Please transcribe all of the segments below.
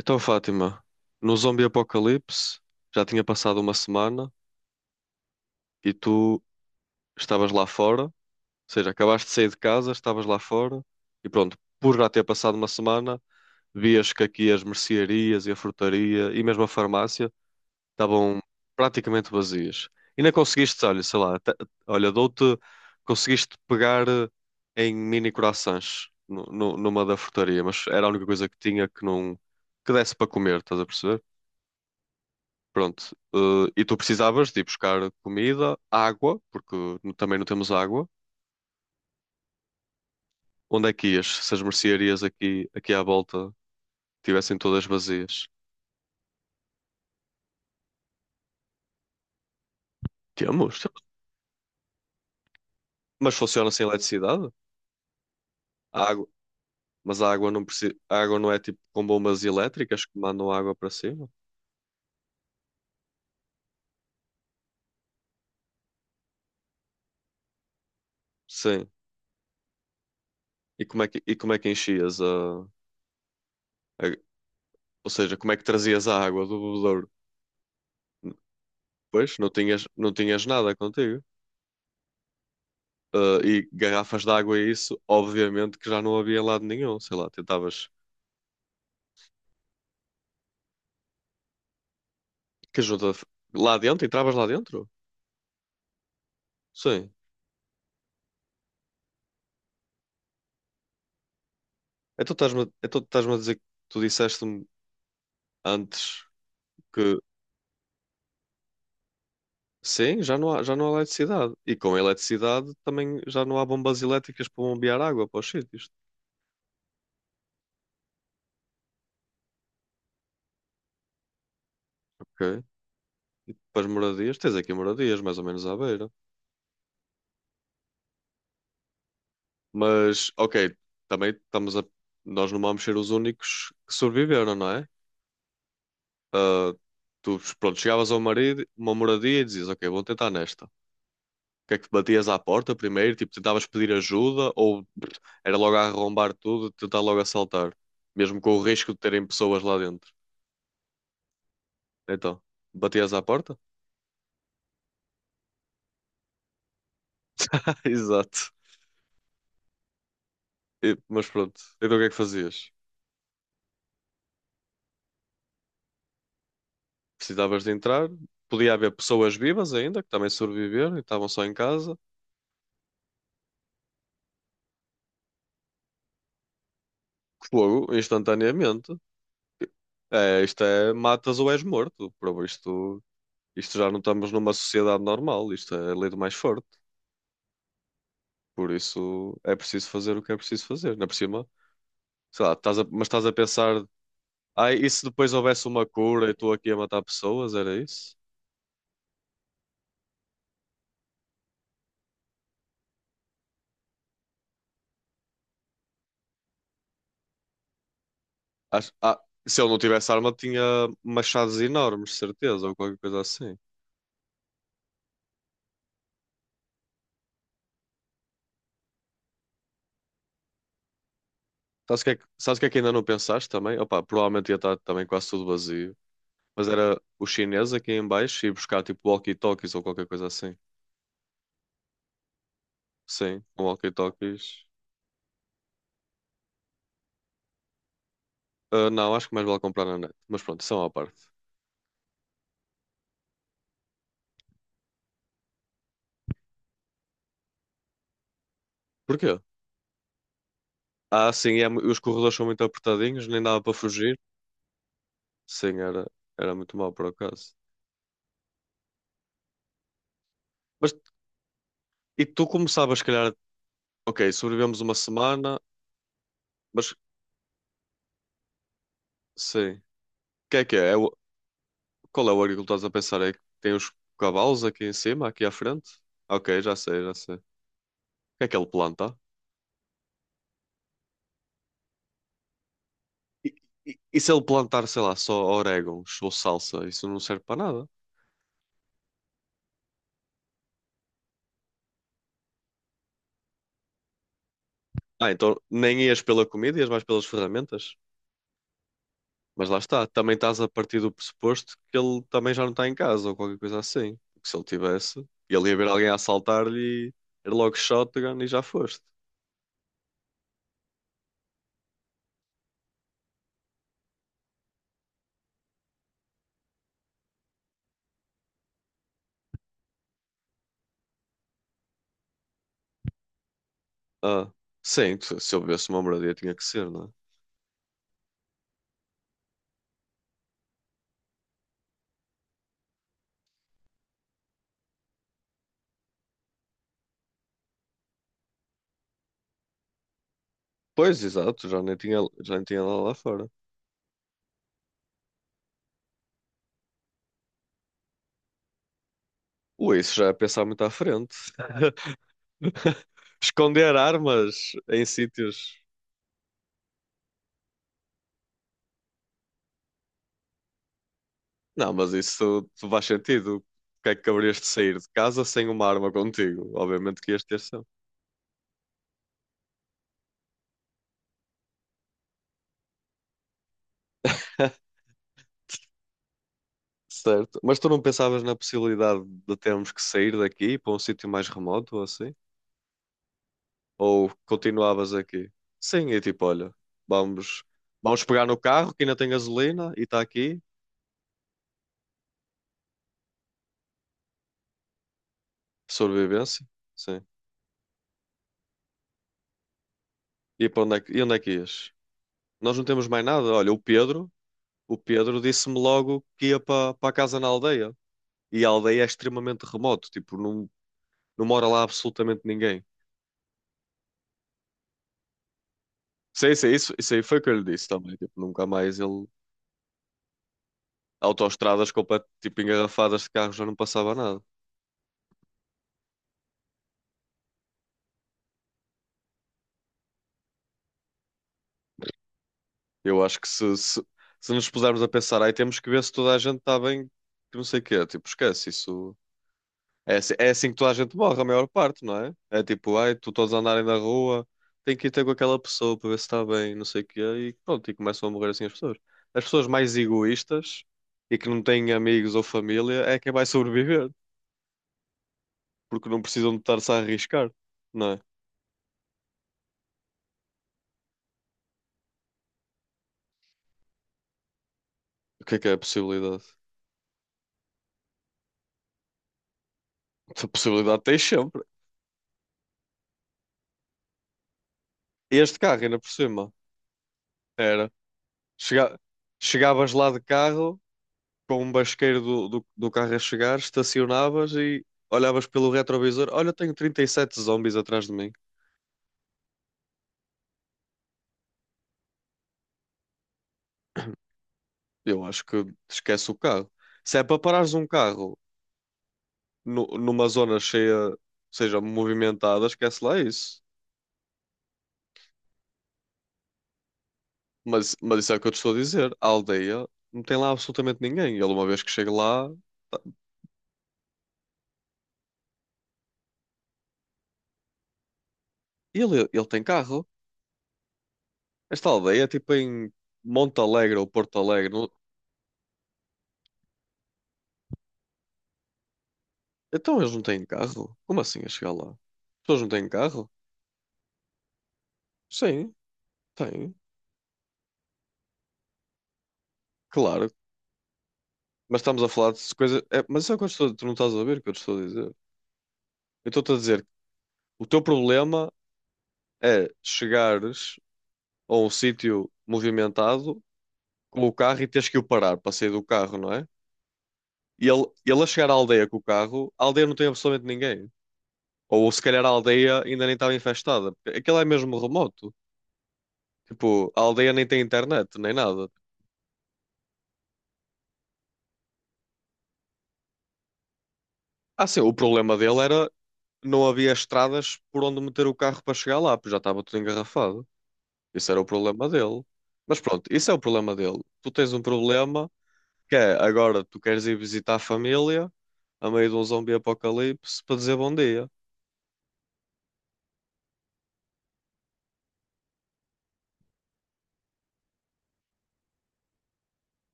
Então, Fátima, no zombie apocalipse já tinha passado uma semana e tu estavas lá fora, ou seja, acabaste de sair de casa, estavas lá fora e pronto, por já ter passado uma semana, vias que aqui as mercearias e a frutaria e mesmo a farmácia estavam praticamente vazias. E não conseguiste, olha, sei lá, olha, dou-te, conseguiste pegar em mini croissants numa da frutaria, mas era a única coisa que tinha que não, que desse para comer, estás a perceber? Pronto. E tu precisavas de ir buscar comida, água, porque também não temos água. Onde é que ias? Se as mercearias aqui, aqui à volta tivessem todas vazias? Temos, temos. Mas funciona sem eletricidade? A água, mas a água não precisa, a água não é tipo com bombas elétricas que mandam água para cima? Sim. E como é que, e como é que enchias ou seja, como é que trazias a água do bebedouro? Pois, não tinhas, não tinhas nada contigo. E garrafas de água e isso, obviamente que já não havia em lado nenhum. Sei lá, tentavas. Que ajuda? Lá dentro? Entravas lá dentro? Sim. Então estás-me a dizer que tu disseste-me antes que sim, já não há eletricidade. E com a eletricidade também já não há bombas elétricas para bombear água para os sítios. Ok. Para as moradias, tens aqui moradias, mais ou menos à beira. Mas, ok, também estamos a. Nós não vamos ser os únicos que sobreviveram, não é? ah, Tu, pronto, chegavas a uma moradia e dizias, ok, vou tentar nesta. O que é que batias à porta primeiro? Tipo, tentavas pedir ajuda ou pff, era logo a arrombar tudo, tentar logo assaltar, mesmo com o risco de terem pessoas lá dentro. Então, batias à porta? Exato. Mas pronto, então o que é que fazias? Precisavas de entrar, podia haver pessoas vivas ainda, que também sobreviveram e estavam só em casa. Fogo, instantaneamente. É, isto é, matas ou és morto, por isto. Isto já não estamos numa sociedade normal, isto é a lei do mais forte. Por isso é preciso fazer o que é preciso fazer. Ainda por cima, sei lá, mas estás a pensar, ai, e se depois houvesse uma cura e estou aqui a matar pessoas? Era isso? Acho- ah, Se ele não tivesse arma, tinha machados enormes, certeza, ou qualquer coisa assim. Sabes o que é que, sabes o que é que ainda não pensaste também? Opa, provavelmente ia estar também quase tudo vazio. Mas era o chinês aqui em baixo e buscar tipo walkie-talkies ou qualquer coisa assim. Sim, um walkie-talkies. Ah, não, acho que mais vale comprar na net. Mas pronto, são à parte. Porquê? Ah, sim, é os corredores são muito apertadinhos, nem dava para fugir. Sim, era, era muito mau por acaso. Mas e tu começavas, se calhar, ok, sobrevivemos uma semana, mas sim. O que é que é? Qual é o agricultor que estás a pensar? É que tem os cavalos aqui em cima, aqui à frente? Ok, já sei, já sei. O que é que ele planta? E, e se ele plantar, sei lá, só orégãos ou salsa, isso não serve para nada. Ah, então nem ias pela comida, ias mais pelas ferramentas? Mas lá está, também estás a partir do pressuposto que ele também já não está em casa ou qualquer coisa assim. Porque se ele tivesse, ele ia ver alguém a assaltar-lhe e era logo shotgun e já foste. Ah, sim, se eu vivesse uma moradia tinha que ser, não é? Pois, exato, já nem tinha lá lá fora. Ui, isso já é pensar muito à frente. Esconder armas em sítios. Não, mas isso tu faz sentido. Porque é que haverias de sair de casa sem uma arma contigo? Obviamente que ias ter sempre. Certo. Mas tu não pensavas na possibilidade de termos que sair daqui para um sítio mais remoto ou assim? Ou continuavas aqui? Sim, e tipo, olha, vamos, vamos pegar no carro que ainda tem gasolina e está aqui, sobrevivência. Sim. E para onde é que, e onde é que ias? Nós não temos mais nada. Olha, o Pedro disse-me logo que ia para, para a casa na aldeia. E a aldeia é extremamente remoto, tipo, não, não mora lá absolutamente ninguém. Sim, sim, isso aí foi o que eu lhe disse também. Tipo, nunca mais ele autoestradas tipo engarrafadas de carros já não passava nada. Eu acho que se nos pusermos a pensar, aí temos que ver se toda a gente está bem, que não sei o quê, tipo, esquece isso. É assim que toda a gente morre, a maior parte, não é? É tipo, ai, tu todos a andarem na rua, tem que ir ter com aquela pessoa para ver se está bem, não sei o quê, e pronto, e começam a morrer assim as pessoas. As pessoas mais egoístas e que não têm amigos ou família é quem vai sobreviver, porque não precisam de estar-se a arriscar, não é? O que é a possibilidade? A possibilidade tens sempre. Este carro, ainda por cima, era. Chega- Chegavas lá de carro, com um basqueiro do carro a chegar, estacionavas e olhavas pelo retrovisor: olha, tenho 37 zombies atrás de mim. Eu acho que esquece o carro. Se é para parares um carro numa zona cheia, seja movimentada, esquece lá isso. Mas isso é o que eu te estou a dizer: a aldeia não tem lá absolutamente ninguém. Ele, uma vez que chega lá, tá- ele, ele tem carro. Esta aldeia é tipo em Monte Alegre ou Porto Alegre. Então eles não têm carro? Como assim a chegar lá? As pessoas não têm carro? Sim, têm. Claro. Mas estamos a falar de coisas. É, mas isso é o que eu estou... tu não estás a ver o que eu te estou a dizer. Eu estou-te a dizer que o teu problema é chegares a um sítio movimentado com o carro e teres que o parar para sair do carro, não é? E ele a chegar à aldeia com o carro, a aldeia não tem absolutamente ninguém. Ou se calhar a aldeia ainda nem estava infestada. Porque aquilo é mesmo remoto. Tipo, a aldeia nem tem internet, nem nada. Ah, sim, o problema dele era não havia estradas por onde meter o carro para chegar lá, porque já estava tudo engarrafado. Isso era o problema dele. Mas pronto, isso é o problema dele. Tu tens um problema que é agora tu queres ir visitar a família a meio de um zombi apocalipse para dizer bom dia.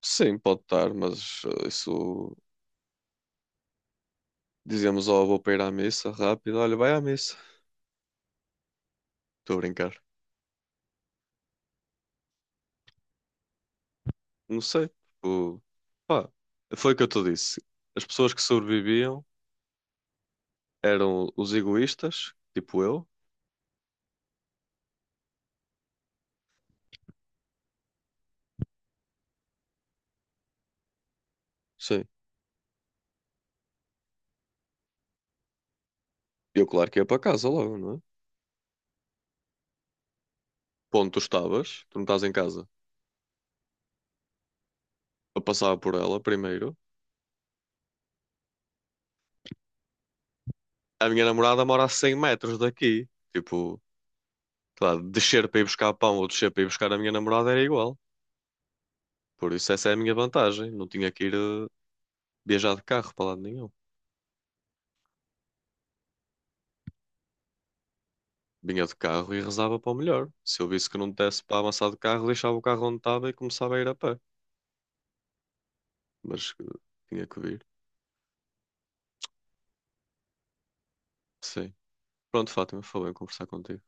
Sim, pode estar, mas isso dizemos, ao vou para ir à missa rápido. Olha, vai à missa. Estou a brincar. Não sei, tipo, pá, foi o que eu te disse. As pessoas que sobreviviam eram os egoístas, tipo eu. Sim. Eu, claro que ia para casa logo, não é? Ponto, tu estavas, tu não estás em casa. Eu passava por ela primeiro. A minha namorada mora a 100 metros daqui. Tipo, sei lá, descer para ir buscar pão ou descer para ir buscar a minha namorada era igual. Por isso essa é a minha vantagem. Não tinha que ir viajar de carro para lado nenhum. Vinha de carro e rezava para o melhor. Se eu visse que não desse para avançar de carro, deixava o carro onde estava e começava a ir a pé. Mas tinha que vir. Sim. Pronto, Fátima, foi bem conversar contigo.